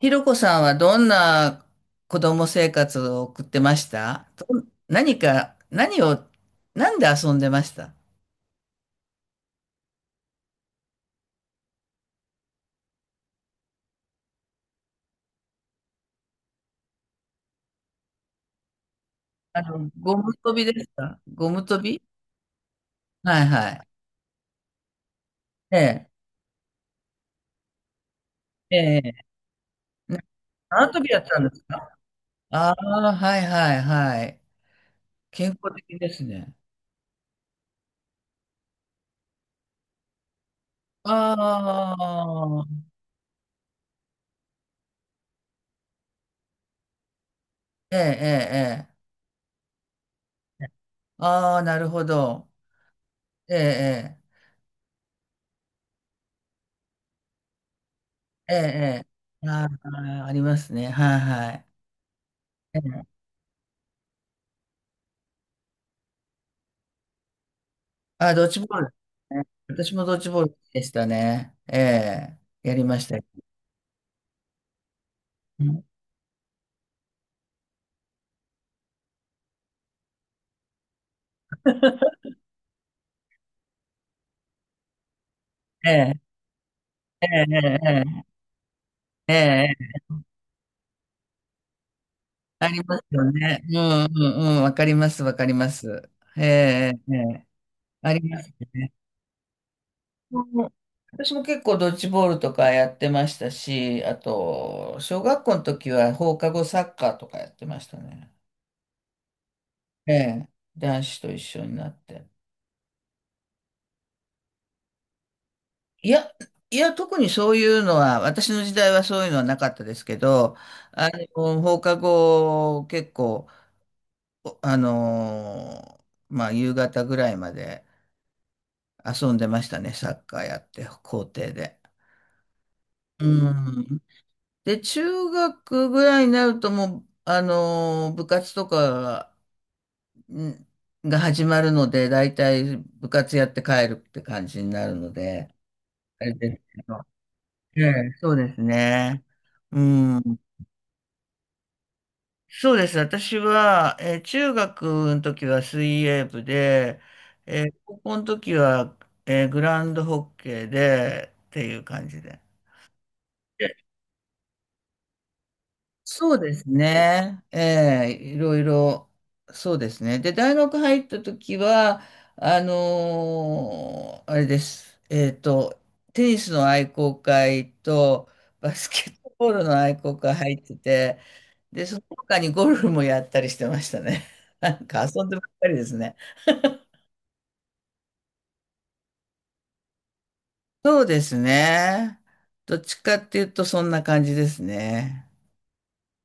ひろこさんはどんな子供生活を送ってました？どん何か、何を、なんで遊んでました？あの、ゴム跳びですか？ゴム跳び。はいはい。ええ、ええ。な縄跳びやったんですか？ああー、はいはいはい。健康的ですね。ああ、ええ、ええ、ええ。ああ、なるほど。ええ、ええ、ええ。ええ、ああ、ありますね。はいはい。あ、ドッジボール。ね私もドッジボールでしたね。ええ、やりましたよ。うん、ええ、ええ、ええ、ええ、ええ、ありますよね。うんうんうん、わかります、わかります。ええ、ええ、ありますね。うん、私も結構ドッジボールとかやってましたし、あと、小学校の時は放課後サッカーとかやってましたね。ええ、男子と一緒になって。いや、いや、特にそういうのは、私の時代はそういうのはなかったですけど、あの、放課後、結構、あの、まあ、夕方ぐらいまで遊んでましたね、サッカーやって、校庭で。うん。で、中学ぐらいになると、もう、あの、部活とかんが始まるので、大体部活やって帰るって感じになるので、あれですけど、ええ、そうですね。うん。そうです。私は、中学の時は水泳部で、高校の時は、グランドホッケーでっていう感じで。そうですね。ええ、いろいろ、そうですね。で、大学入った時は、あれです。テニスの愛好会と、バスケットボールの愛好会入ってて、で、その他にゴルフもやったりしてましたね。なんか遊んでばっかりですね。そうですね。どっちかっていうと、そんな感じですね。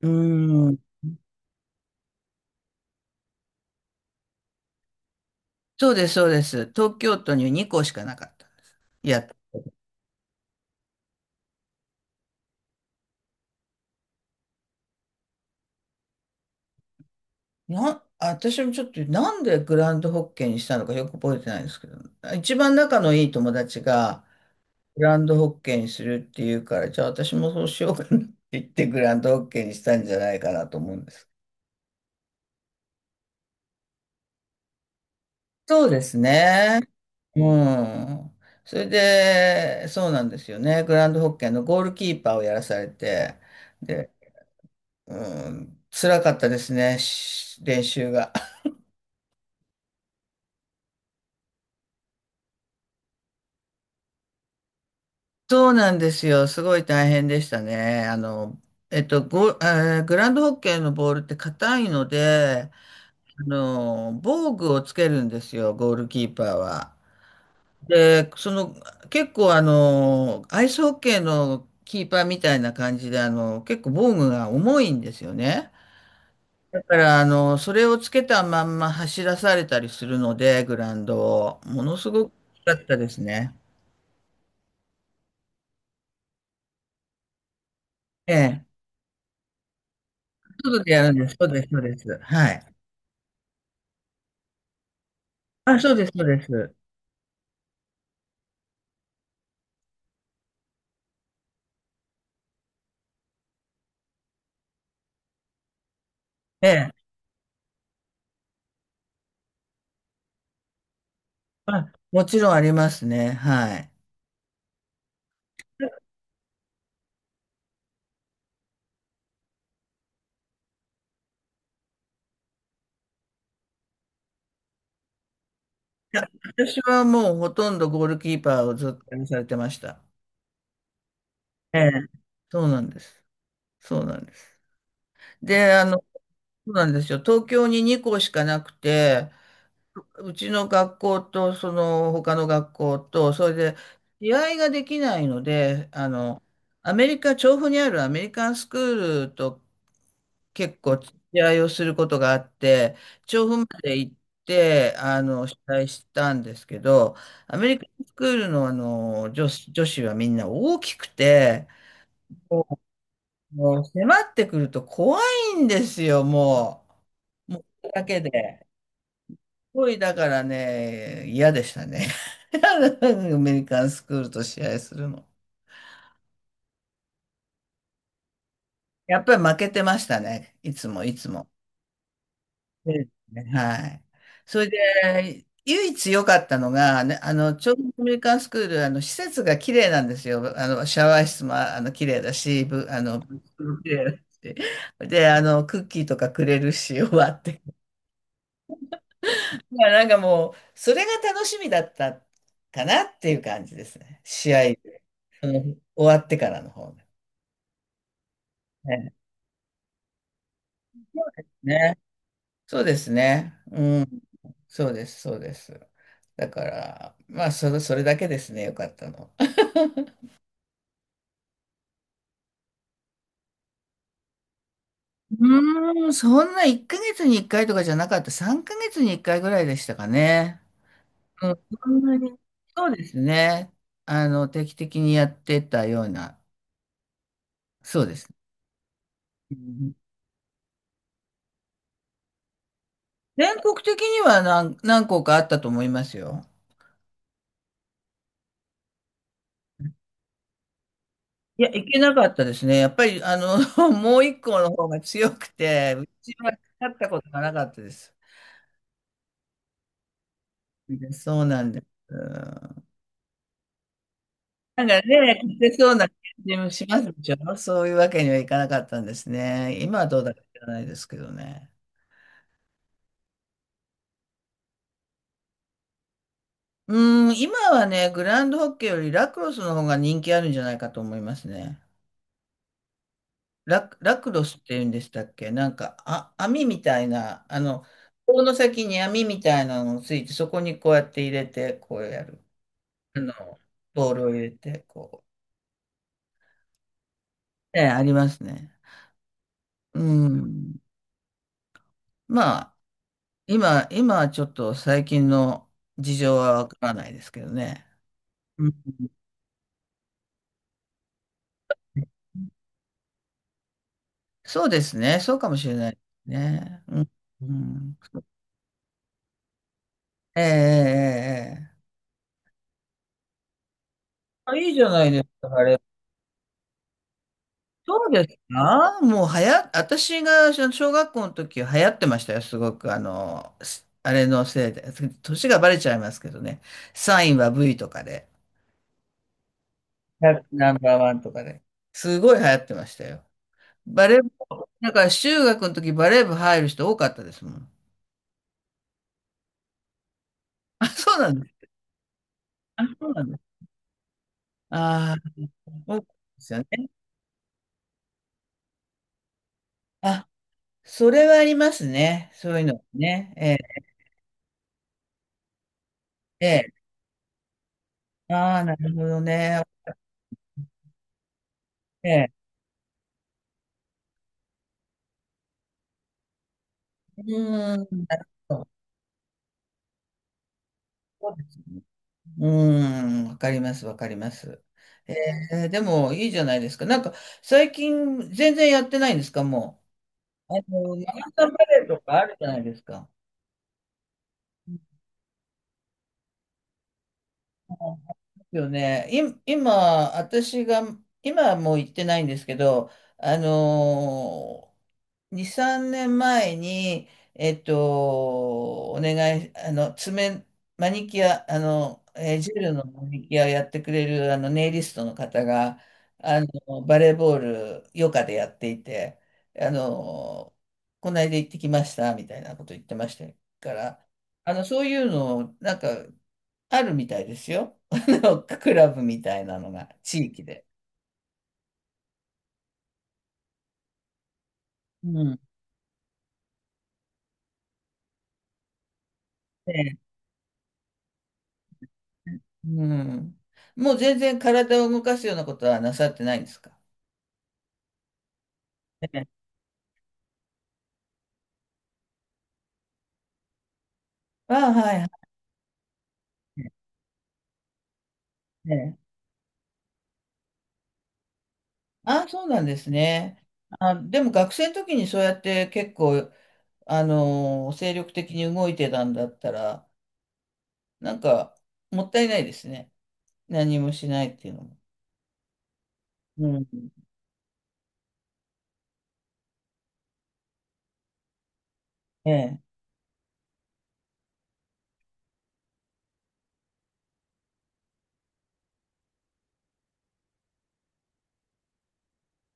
うん。そうです、そうです。東京都に2校しかなかった。やっな、私もちょっとなんでグランドホッケーにしたのかよく覚えてないんですけど、一番仲のいい友達がグランドホッケーにするって言うから、じゃあ私もそうしようかなって言ってグランドホッケーにしたんじゃないかなと思うんです。そうですね。うん。それで、そうなんですよね。グランドホッケーのゴールキーパーをやらされて、で、うん、辛かったですね、練習が。そうなんですよ。すごい大変でしたね。あの、えっと、ゴ、えーグランドホッケーのボールって硬いので、あの、防具をつけるんですよ、ゴールキーパーは。で、その、結構あの、アイスホッケーのキーパーみたいな感じで、あの、結構防具が重いんですよね。だから、あの、それをつけたまんま走らされたりするので、グラウンドを。ものすごく大きかったですね。ええ。外でやるんです。そうです、そうです。はい。あ、そうです、そうです。ええ。あ、もちろんありますね。はい。いや、私はもうほとんどゴールキーパーをずっとやらされてました。ええ。そうなんです。そうなんです。で、あの、そうなんですよ。東京に2校しかなくて、うちの学校と、その他の学校と、それで、試合ができないので、あの、アメリカ、調布にあるアメリカンスクールと結構試合をすることがあって、調布まで行って、あの、試合したんですけど、アメリカンスクールの、あの、女子、女子はみんな大きくて、ももう迫ってくると怖いんですよ、もう。もう、だけで。ごい、だからね、嫌でしたね。アメリカンスクールと試合するの。やっぱり負けてましたね。いつもいつも。ですね、はい。それで、唯一良かったのが、ね、あの、ちょうどアメリカンスクール、あの、施設が綺麗なんですよ。あの、シャワー室も、あの、綺麗だし、あの、ブックも綺麗だし。で、あの、クッキーとかくれるし、終わって。まあ、なんかもう、それが楽しみだったかなっていう感じですね。試合。あの、終わってからの方が。ね。そうですね。そうですね。うん。そうです、そうです。だから、まあ、それ、それだけですね、よかったの。うーん、そんな1ヶ月に1回とかじゃなかった、3ヶ月に1回ぐらいでしたかね。うん、そんなに、そうですね。あの、定期的にやってたような、そうです。うん、全国的には何校かあったと思いますよ。いや、いけなかったですね。やっぱり、あの、もう一個の方が強くて、うちは勝ったことがなかったです。でそうなんです。うん、なんかね、勝てそうな感じもしますでしょ。そういうわけにはいかなかったんですね。今はどうだか知らないですけどね。うん、今はね、グランドホッケーよりラクロスの方が人気あるんじゃないかと思いますね。ラクロスって言うんでしたっけ？なんか、あ、網みたいな、あの、棒の先に網みたいなのをついて、そこにこうやって入れて、こうやる。あの、ボールを入れて、こう。ええ、ありますね。うん。まあ、今はちょっと最近の事情はわからないですけどね。うん、そうですね。そうかもしれないですね。うん。うん、ええ、ええ、ええ。あ、いいじゃないですか、あれ。そうですか？もうはや、私が小学校の時流行ってましたよ、すごく。あの、あれのせいで。年がバレちゃいますけどね。サインは V とかで。ナンバーワンとかで。すごい流行ってましたよ。バレー部、だから中学の時バレー部入る人多かったですもん。あ、そうなんです。あ、そうなんです。ああ、多かったですよね。あ、それはありますね。そういうのね。ええ、ええ。ああ、なるほどね。ええ。うーん、なるほど。うーん、わかります、わかります。えー、でもいいじゃないですか。なんか最近全然やってないんですか、もう。あの、マラソンバレーとかあるじゃないですか。よね。い、今、私が、今はもう行ってないんですけど、あのー、2、3年前に、えっと、お願い、あの、爪、マニキュア、あの、ジェルのマニキュアをやってくれる、あの、ネイリストの方が、あの、バレーボール、余暇でやっていて、あのー、この間行ってきました、みたいなこと言ってましたから、あの、そういうの、なんか、あるみたいですよ。のクラブみたいなのが地域で。うん。でうん。もう全然体を動かすようなことはなさってないんですか？ええ、ああ、はいはい。ええ、あ、そうなんですね。あ、でも学生の時にそうやって結構、あの精力的に動いてたんだったら、なんか、もったいないですね。何もしないっていうのも。うん。ええ。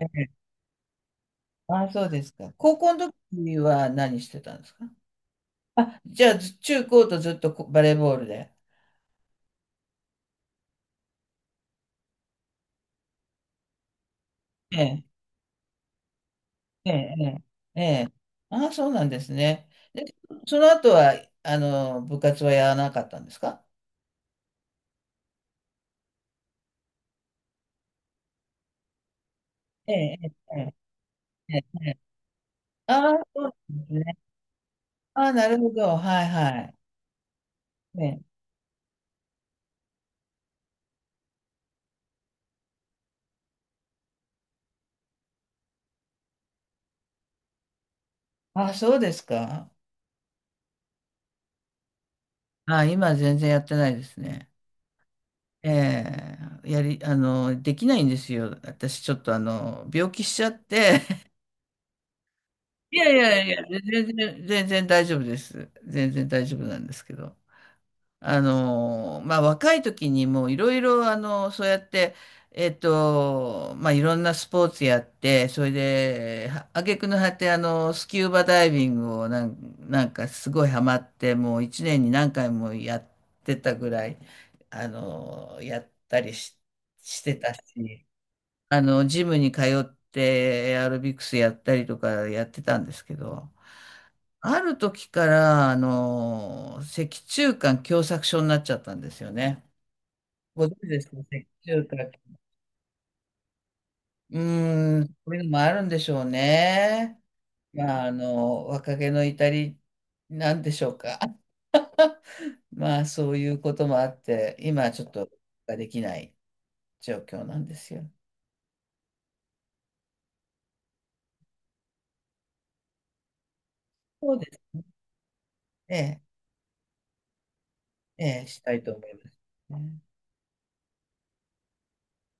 ええ。ああ、そうですか。高校の時は何してたんですか？あ、じゃあ、ず中高とずっとバレーボールで。ええ、ええ、ええ。ええ、ああ、そうなんですね。で、その後は、あの、部活はやらなかったんですか？ええ、ええ、ええ。ええ、ああ、そうなんですね。ああ、なるほど。はい、はい。ええ。ああ、そうですか。ああ、今全然やってないですね。ええ、やり、あの、できないんですよ。私、ちょっと、あの、病気しちゃって。いやいやいや、全然、全然大丈夫です。全然大丈夫なんですけど。あのー、まあ、若い時にもういろいろ、あの、そうやって、えっと、まあ、いろんなスポーツやって、それで、挙句の果て、あの、スキューバダイビングをなんかすごいハマって、もう一年に何回もやってたぐらい、あの、やったりし、してたし、あの、ジムに通ってエアロビクスやったりとかやってたんですけど、ある時から、あの、脊柱管狭窄症になっちゃったんですよね。ご存知ですか？脊柱管。うーん、そういうのもあるんでしょうね。まあ、あの、若気の至りなんでしょうか。まあ、そういうこともあって、今はちょっとできない状況なんですよ。そうですね。ええ、したいと思いますね。